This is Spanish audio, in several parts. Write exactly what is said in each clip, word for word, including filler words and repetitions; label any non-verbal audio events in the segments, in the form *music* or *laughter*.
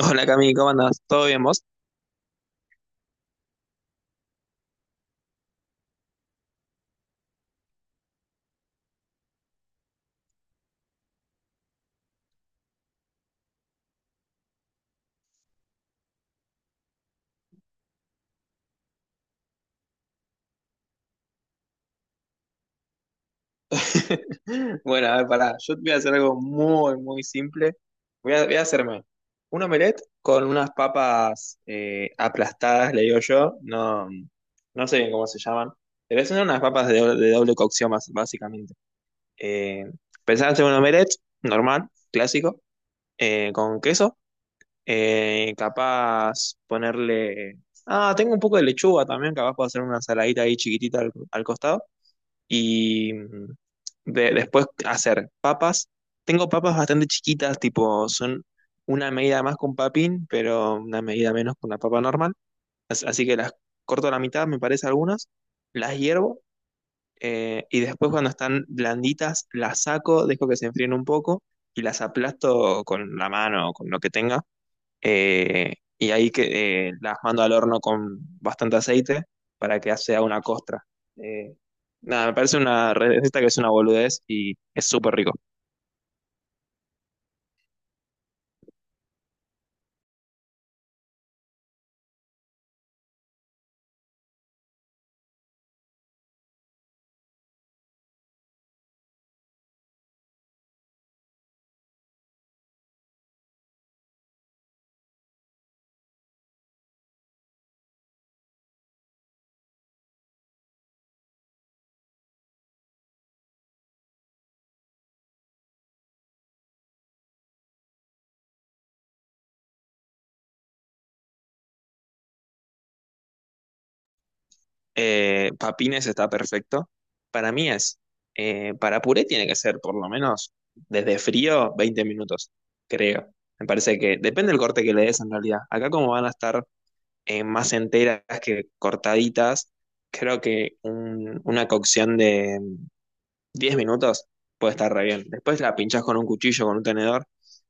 Hola Cami, ¿cómo andas? ¿Todo bien vos? *laughs* Bueno, a ver, pará. Yo te voy a hacer algo muy, muy simple. Voy a, voy a hacerme un omelette con unas papas eh, aplastadas, le digo yo. No, no sé bien cómo se llaman. Pero son unas papas de doble, de doble cocción, bas- básicamente. Eh, Pensaba hacer un omelette normal, clásico, eh, con queso. Eh, capaz ponerle... Ah, tengo un poco de lechuga también, capaz puedo hacer una ensaladita ahí chiquitita al al costado. Y mm, de- después hacer papas. Tengo papas bastante chiquitas, tipo, son una medida más con papín, pero una medida menos con una papa normal. As- Así que las corto a la mitad, me parece algunas, las hiervo, eh, y después cuando están blanditas las saco, dejo que se enfríen un poco y las aplasto con la mano o con lo que tenga, eh, y ahí que, eh, las mando al horno con bastante aceite para que sea una costra. Eh, nada, Me parece una receta que es una boludez y es súper rico. Eh, papines está perfecto. Para mí es, eh, para puré tiene que ser por lo menos desde frío veinte minutos, creo. Me parece que depende del corte que le des en realidad. Acá como van a estar, eh, más enteras que cortaditas, creo que un- una cocción de diez minutos puede estar re bien. Después la pinchás con un cuchillo, con un tenedor,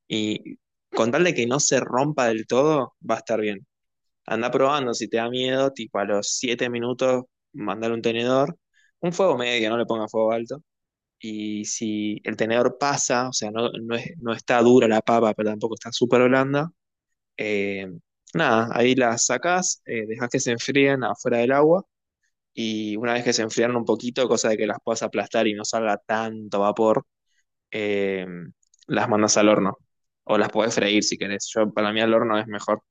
y con tal de que no se rompa del todo, va a estar bien. Anda probando, si te da miedo, tipo a los siete minutos, mandar un tenedor, un fuego medio, no le ponga fuego alto. Y si el tenedor pasa, o sea, no, no, es- no está dura la papa, pero tampoco está súper blanda, eh, nada, ahí las sacás, eh, dejás que se enfríen afuera del agua. Y una vez que se enfriaron un poquito, cosa de que las puedas aplastar y no salga tanto vapor, eh, las mandas al horno. O las podés freír si querés. Yo, para mí al horno es mejor.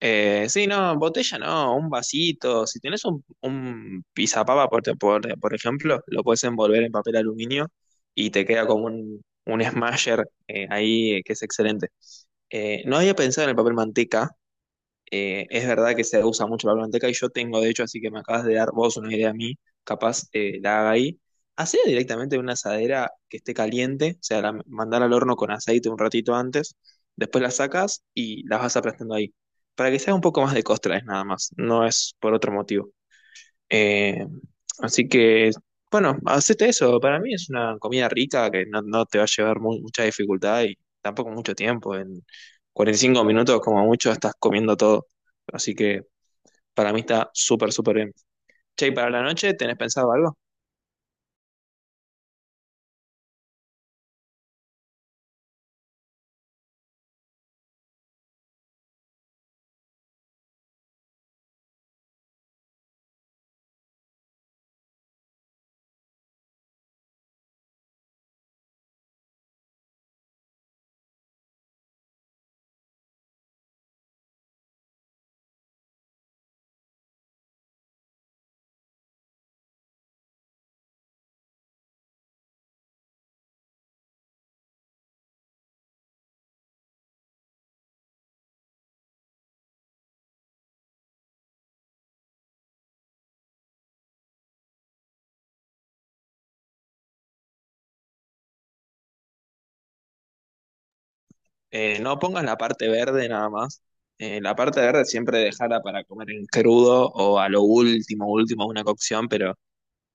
Eh, sí, no, botella no, un vasito. Si tenés un, un pisapapa, por, por, por ejemplo, lo puedes envolver en papel aluminio y te queda como un, un smasher eh, ahí eh, que es excelente. Eh, no había pensado en el papel manteca. Eh, es verdad que se usa mucho la biblioteca y yo tengo, de hecho, así que me acabas de dar vos una idea a mí, capaz eh, la haga ahí. Hacer directamente una asadera que esté caliente, o sea, la, mandar al horno con aceite un ratito antes, después la sacas y las vas aplastando ahí. Para que sea un poco más de costra, es nada más, no es por otro motivo. Eh, Así que, bueno, hacete eso. Para mí es una comida rica que no, no te va a llevar mu- mucha dificultad y tampoco mucho tiempo. En cuarenta y cinco minutos, como mucho, estás comiendo todo. Así que para mí está súper, súper bien. Che, ¿y para la noche tenés pensado algo? Eh, no pongas la parte verde nada más. Eh, la parte verde siempre dejarla para comer en crudo o a lo último, último, una cocción. Pero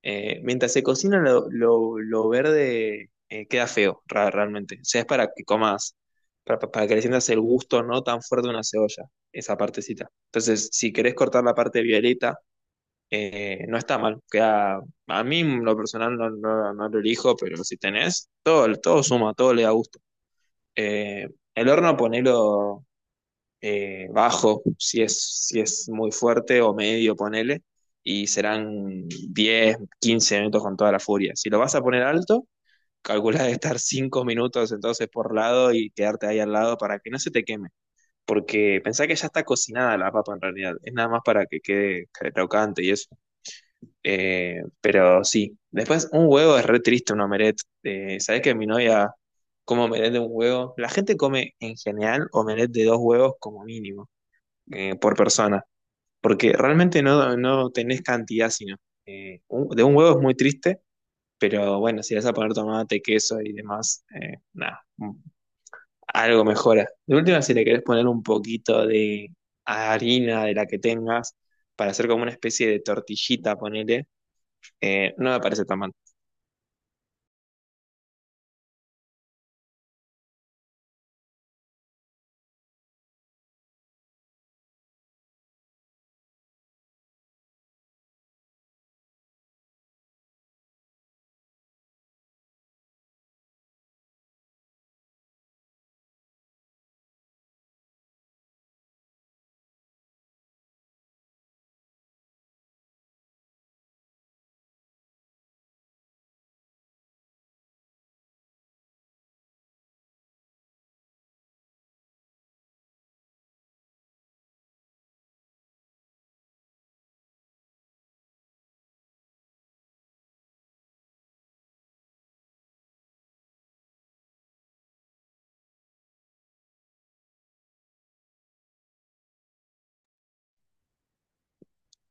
Eh, mientras se cocina lo, lo- lo verde, eh, queda feo, ra- realmente. O sea, es para que comas, para, para que le sientas el gusto no tan fuerte de una cebolla, esa partecita. Entonces, si querés cortar la parte violeta, eh, no está mal. Queda, a mí en lo personal no, no- no lo elijo, pero si tenés, todo, todo suma, todo le da gusto. Eh, el horno ponelo, eh, bajo, si es, si es muy fuerte o medio, ponele, y serán diez quince minutos con toda la furia. Si lo vas a poner alto, calcula de estar cinco minutos entonces por lado y quedarte ahí al lado para que no se te queme. Porque pensá que ya está cocinada la papa en realidad, es nada más para que quede crocante y eso. Eh, pero sí, después un huevo es re triste, un omelette. Eh, ¿Sabés que mi novia come omelette de un huevo? La gente come en general omelette de dos huevos como mínimo, eh, por persona, porque realmente no, no tenés cantidad, sino eh, un- de un huevo es muy triste, pero bueno, si le vas a poner tomate, queso y demás, eh, nada, mm, algo mejora. De última, si le querés poner un poquito de harina de la que tengas para hacer como una especie de tortillita, ponele, eh, no me parece tan mal.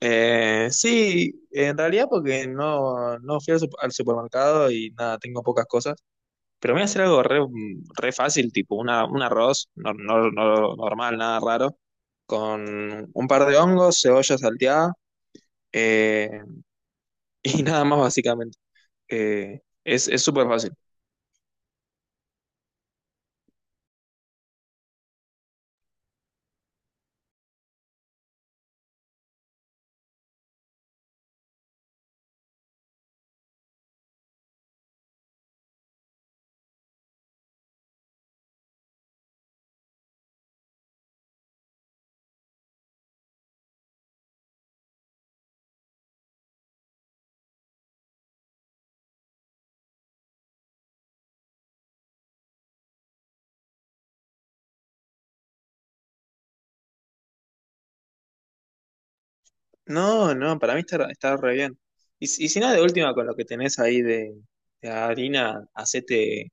Eh, sí, en realidad porque no, no fui al sup- al supermercado y nada, tengo pocas cosas. Pero voy a hacer algo re, re fácil, tipo una, un arroz no, no- no- normal, nada raro, con un par de hongos, cebolla salteada, eh, *laughs* y nada más básicamente. Eh, es es súper fácil. No, no, para mí está, está re bien. Y, si y si no, de última, con lo que tenés ahí de, de harina, hacete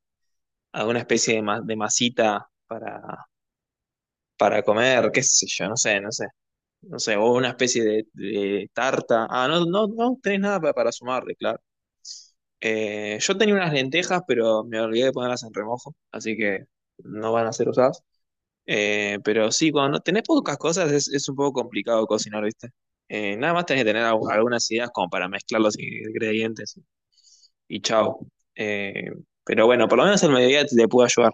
alguna especie de, ma- de masita para, para comer, qué sé yo, no sé, no sé. No sé, o una especie de, de tarta. Ah, no, no, no tenés nada para, para sumarle, claro. Eh, yo tenía unas lentejas, pero me olvidé de ponerlas en remojo, así que no van a ser usadas. Eh, pero sí, cuando no tenés pocas cosas es, es un poco complicado cocinar, ¿viste? Eh, nada más tenés que tener al- algunas ideas como para mezclar los ingredientes y chao. Eh, pero bueno, por lo menos el mediodía te, te puedo ayudar.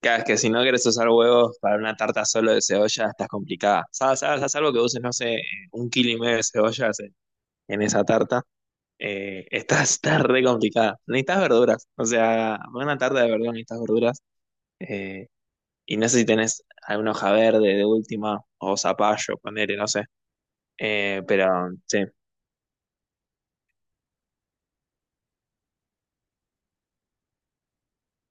Cada vez que si no quieres usar huevos para una tarta solo de cebolla, estás complicada. ¿Sabes? ¿Sabes? Haz algo que uses, no sé, un kilo y medio de cebollas en en esa tarta. Eh, está, *laughs* está re complicada. Necesitas verduras. O sea, para una tarta de verdura necesitas verduras. Eh, y no sé si tenés alguna hoja verde de última o zapallo, ponele, no sé. Eh, pero sí.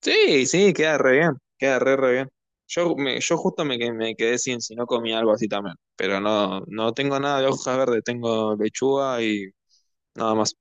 Sí, sí, queda re bien. Queda re, re bien. Yo, me, yo justo me, que- Me quedé sin si no comí algo así también. Pero no, no tengo nada de hojas verdes. Tengo lechuga y nada más.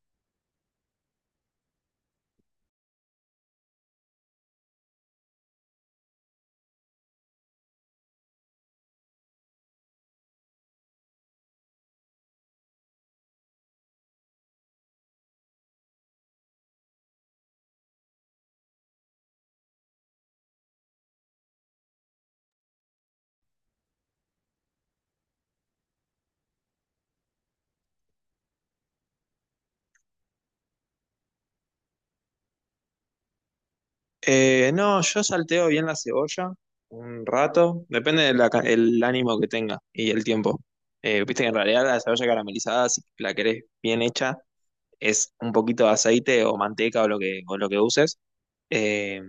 Eh, no, yo salteo bien la cebolla un rato, depende del el ánimo que tenga y el tiempo. Eh, viste que en realidad la cebolla caramelizada, si la querés bien hecha, es un poquito de aceite o manteca o lo que, o lo que uses, eh,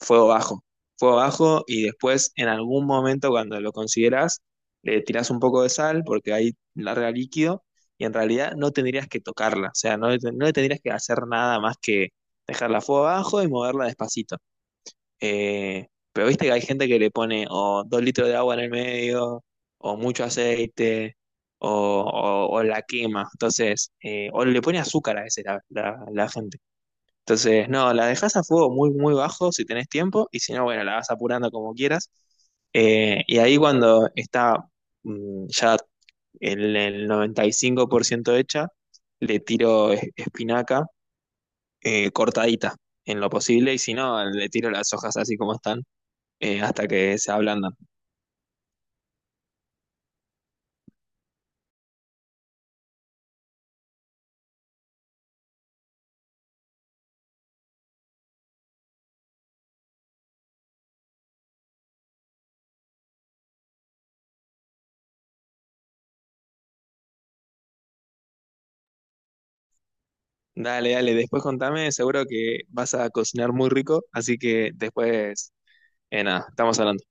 fuego bajo. Fuego bajo y después en algún momento cuando lo consideras, le tirás un poco de sal porque ahí larga líquido y en realidad no tendrías que tocarla, o sea, no, le ten- no le tendrías que hacer nada más que dejarla a fuego bajo y moverla despacito. Eh, pero viste que hay gente que le pone o dos litros de agua en el medio, o mucho aceite, o, o- o la quema. Entonces, eh, o le pone azúcar a veces la, la- la gente. Entonces, no, la dejas a fuego muy, muy bajo si tenés tiempo, y si no, bueno, la vas apurando como quieras. Eh, y ahí cuando está mm, ya el, el noventa y cinco por ciento hecha, le tiro es- espinaca, eh, cortadita en lo posible, y si no, le tiro las hojas así como están, eh, hasta que se ablandan. Dale, dale, después contame, seguro que vas a cocinar muy rico, así que después, eh, nada, estamos hablando.